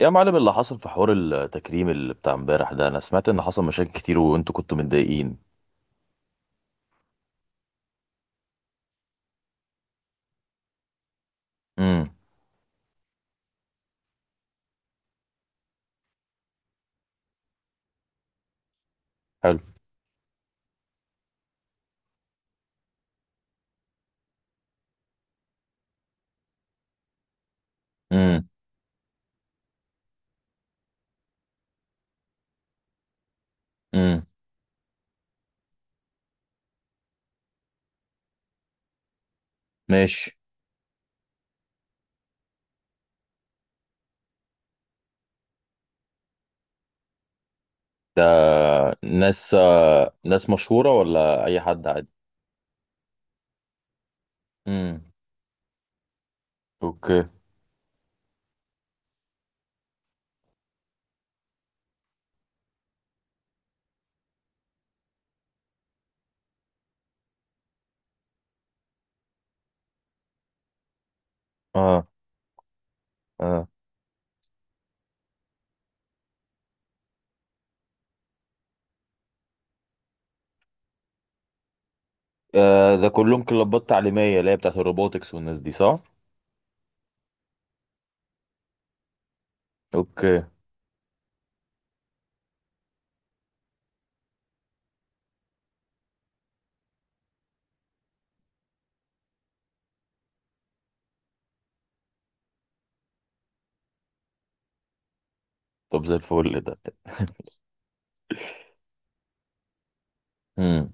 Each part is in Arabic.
يا معلم، اللي حصل في حوار التكريم اللي بتاع امبارح ده، انا سمعت ان حصل مشاكل كتير وانتوا كنتوا متضايقين؟ امم. حلو. امم، امم. ماشي. ده ناس، ناس مشهورة ولا اي حد عادي؟ امم. اوكي. اه، اه. ده كلهم كلابات تعليمية اللي هي بتاعت الروبوتكس والناس دي، صح؟ اوكي. طب زي الفل ده. امم.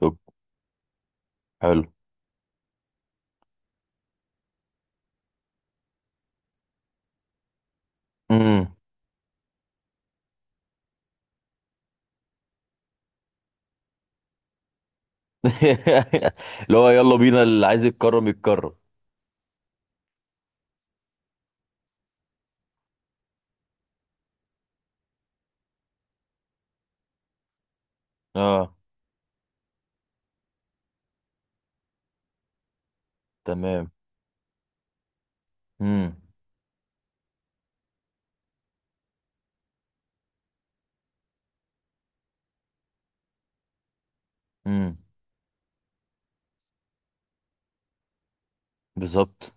طب. حلو. امم. اللي هو يلا بينا، اللي عايز يتكرم يتكرم. اه. تمام. امم، امم. بالظبط.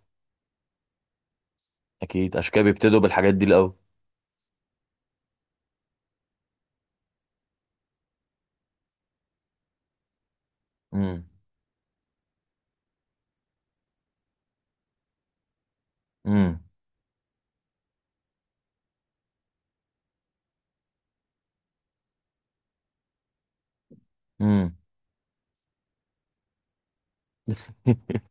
اكيد عشان كده بيبتدوا بالحاجات دي الاول. امم، امم، امم.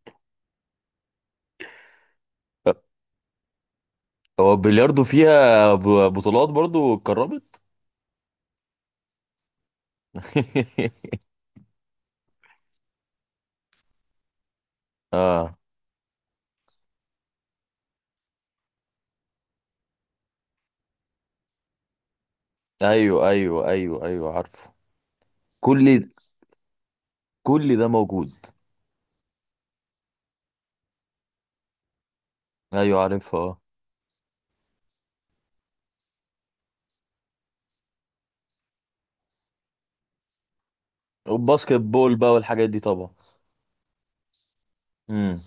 هو البلياردو فيها بطولات برضو اتكرمت؟ اه. ايوه، ايوه، ايوه، ايوه، عارفه. كل كل ده موجود. ايوه عارفها. اه. والباسكت بول بقى والحاجات دي طبعا. امم.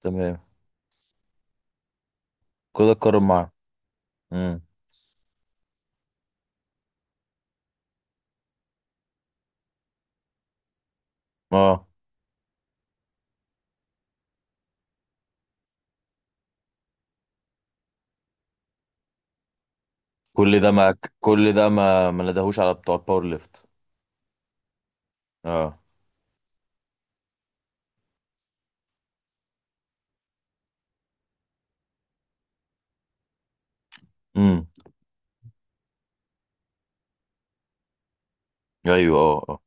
تمام. كده اتكرم معاه. امم. اه، كل ده ما ندهوش على بتوع الباور ليفت؟ اه. امم. ايوه، اه، اه.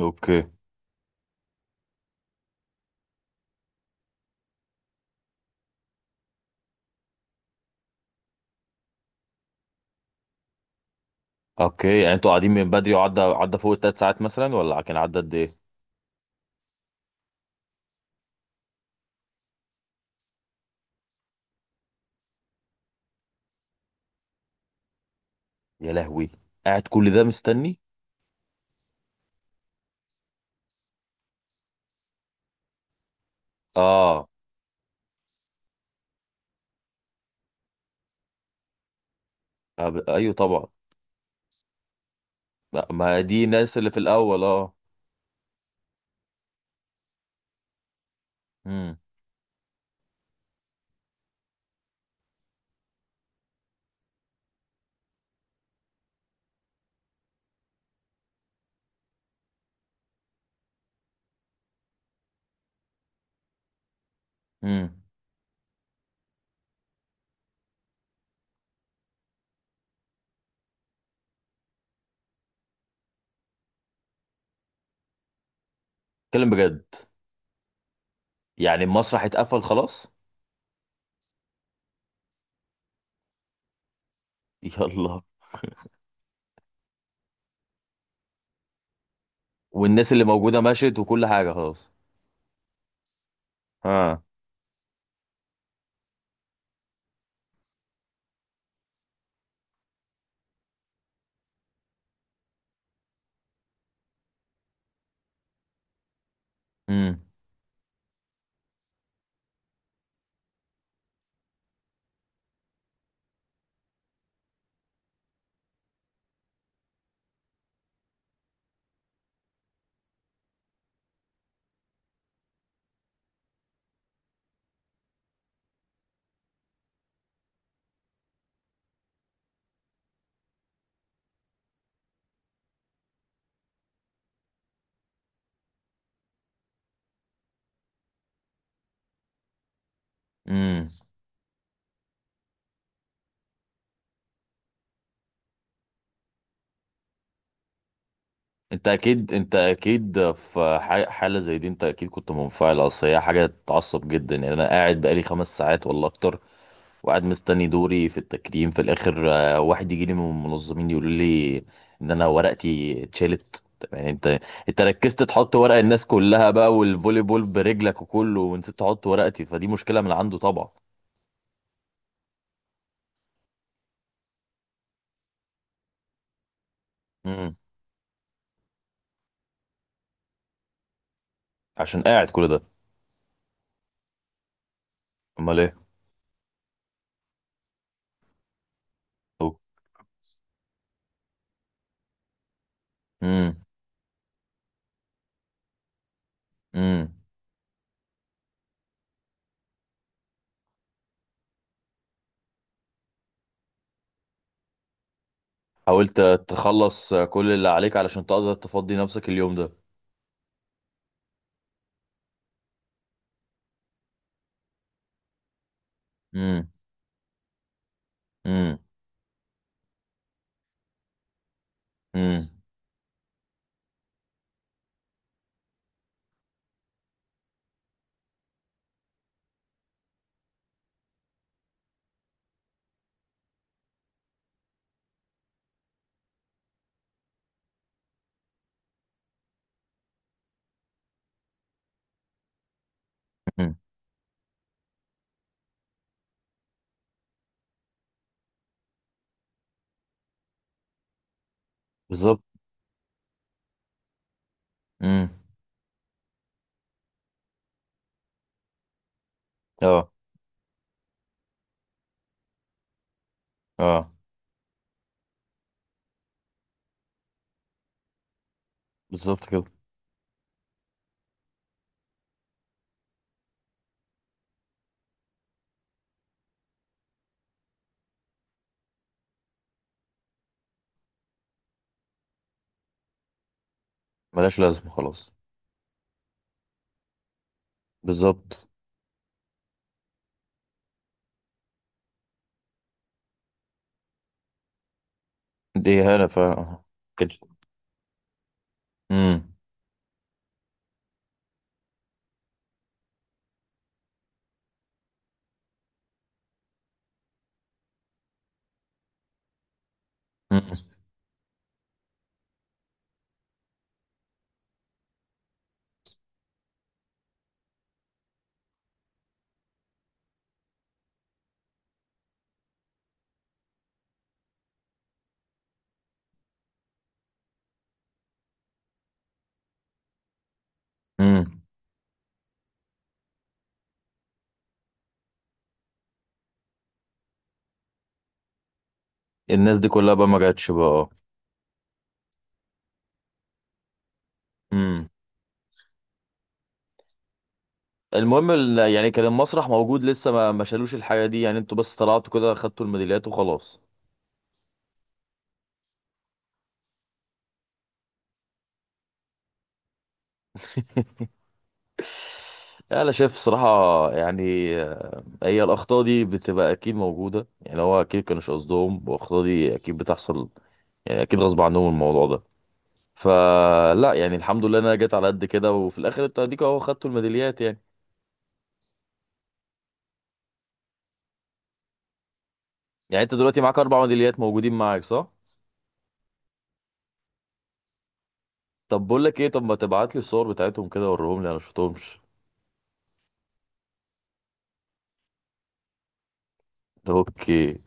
اوكي. اوكي، يعني انتوا قاعدين من بدري، وعدى فوق ال3 ساعات مثلا ولا كان عدى قد ايه؟ يا لهوي. قاعد كل ده مستني. اه. ايوه طبعا. ما دي الناس اللي في الاول. اه. امم، امم. اتكلم بجد؟ يعني المسرح اتقفل خلاص؟ يلا. والناس اللي موجوده مشيت وكل حاجه خلاص؟ ها. امم، امم. انت اكيد في حاله زي دي، انت اكيد كنت منفعل. اصل هي حاجه تعصب جدا. يعني انا قاعد بقالي 5 ساعات ولا اكتر، وقاعد مستني دوري في التكريم، في الاخر واحد يجي لي من المنظمين يقول لي ان انا ورقتي اتشالت. طب يعني انت ركزت تحط ورق الناس كلها بقى والفولي بول برجلك وكله، ونسيت تحط ورقتي، فدي مشكله من عنده طبعا. امم. عشان قاعد كل ده. امال ايه؟ امم، امم. حاولت تخلص كل اللي عليك علشان تقدر تفضي نفسك اليوم ده. امم، امم، امم، امم. بالظبط. امم. اه، اه. بالظبط كده. ملهاش لازمه خلاص. بالظبط. دي هنا فعلا. كده. امم، امم، امم. الناس دي كلها بقى ما جاتش بقى؟ امم. المهم يعني كان المسرح موجود لسه ما شالوش الحاجه دي؟ يعني انتوا بس طلعتوا كده خدتوا الميداليات وخلاص؟ يعني انا شايف صراحه، يعني هي الاخطاء دي بتبقى اكيد موجوده، يعني هو اكيد كانوش قصدهم، والاخطاء دي اكيد بتحصل. يعني اكيد غصب عنهم الموضوع ده. فلا يعني الحمد لله إن انا جيت على قد كده، وفي الاخر انت اديك اهو خدتوا الميداليات يعني. يعني انت دلوقتي معاك اربع ميداليات موجودين معاك، صح؟ طب بقول لك ايه، طب ما تبعت لي الصور بتاعتهم كده وريهم لي، انا شفتهمش. اوكي.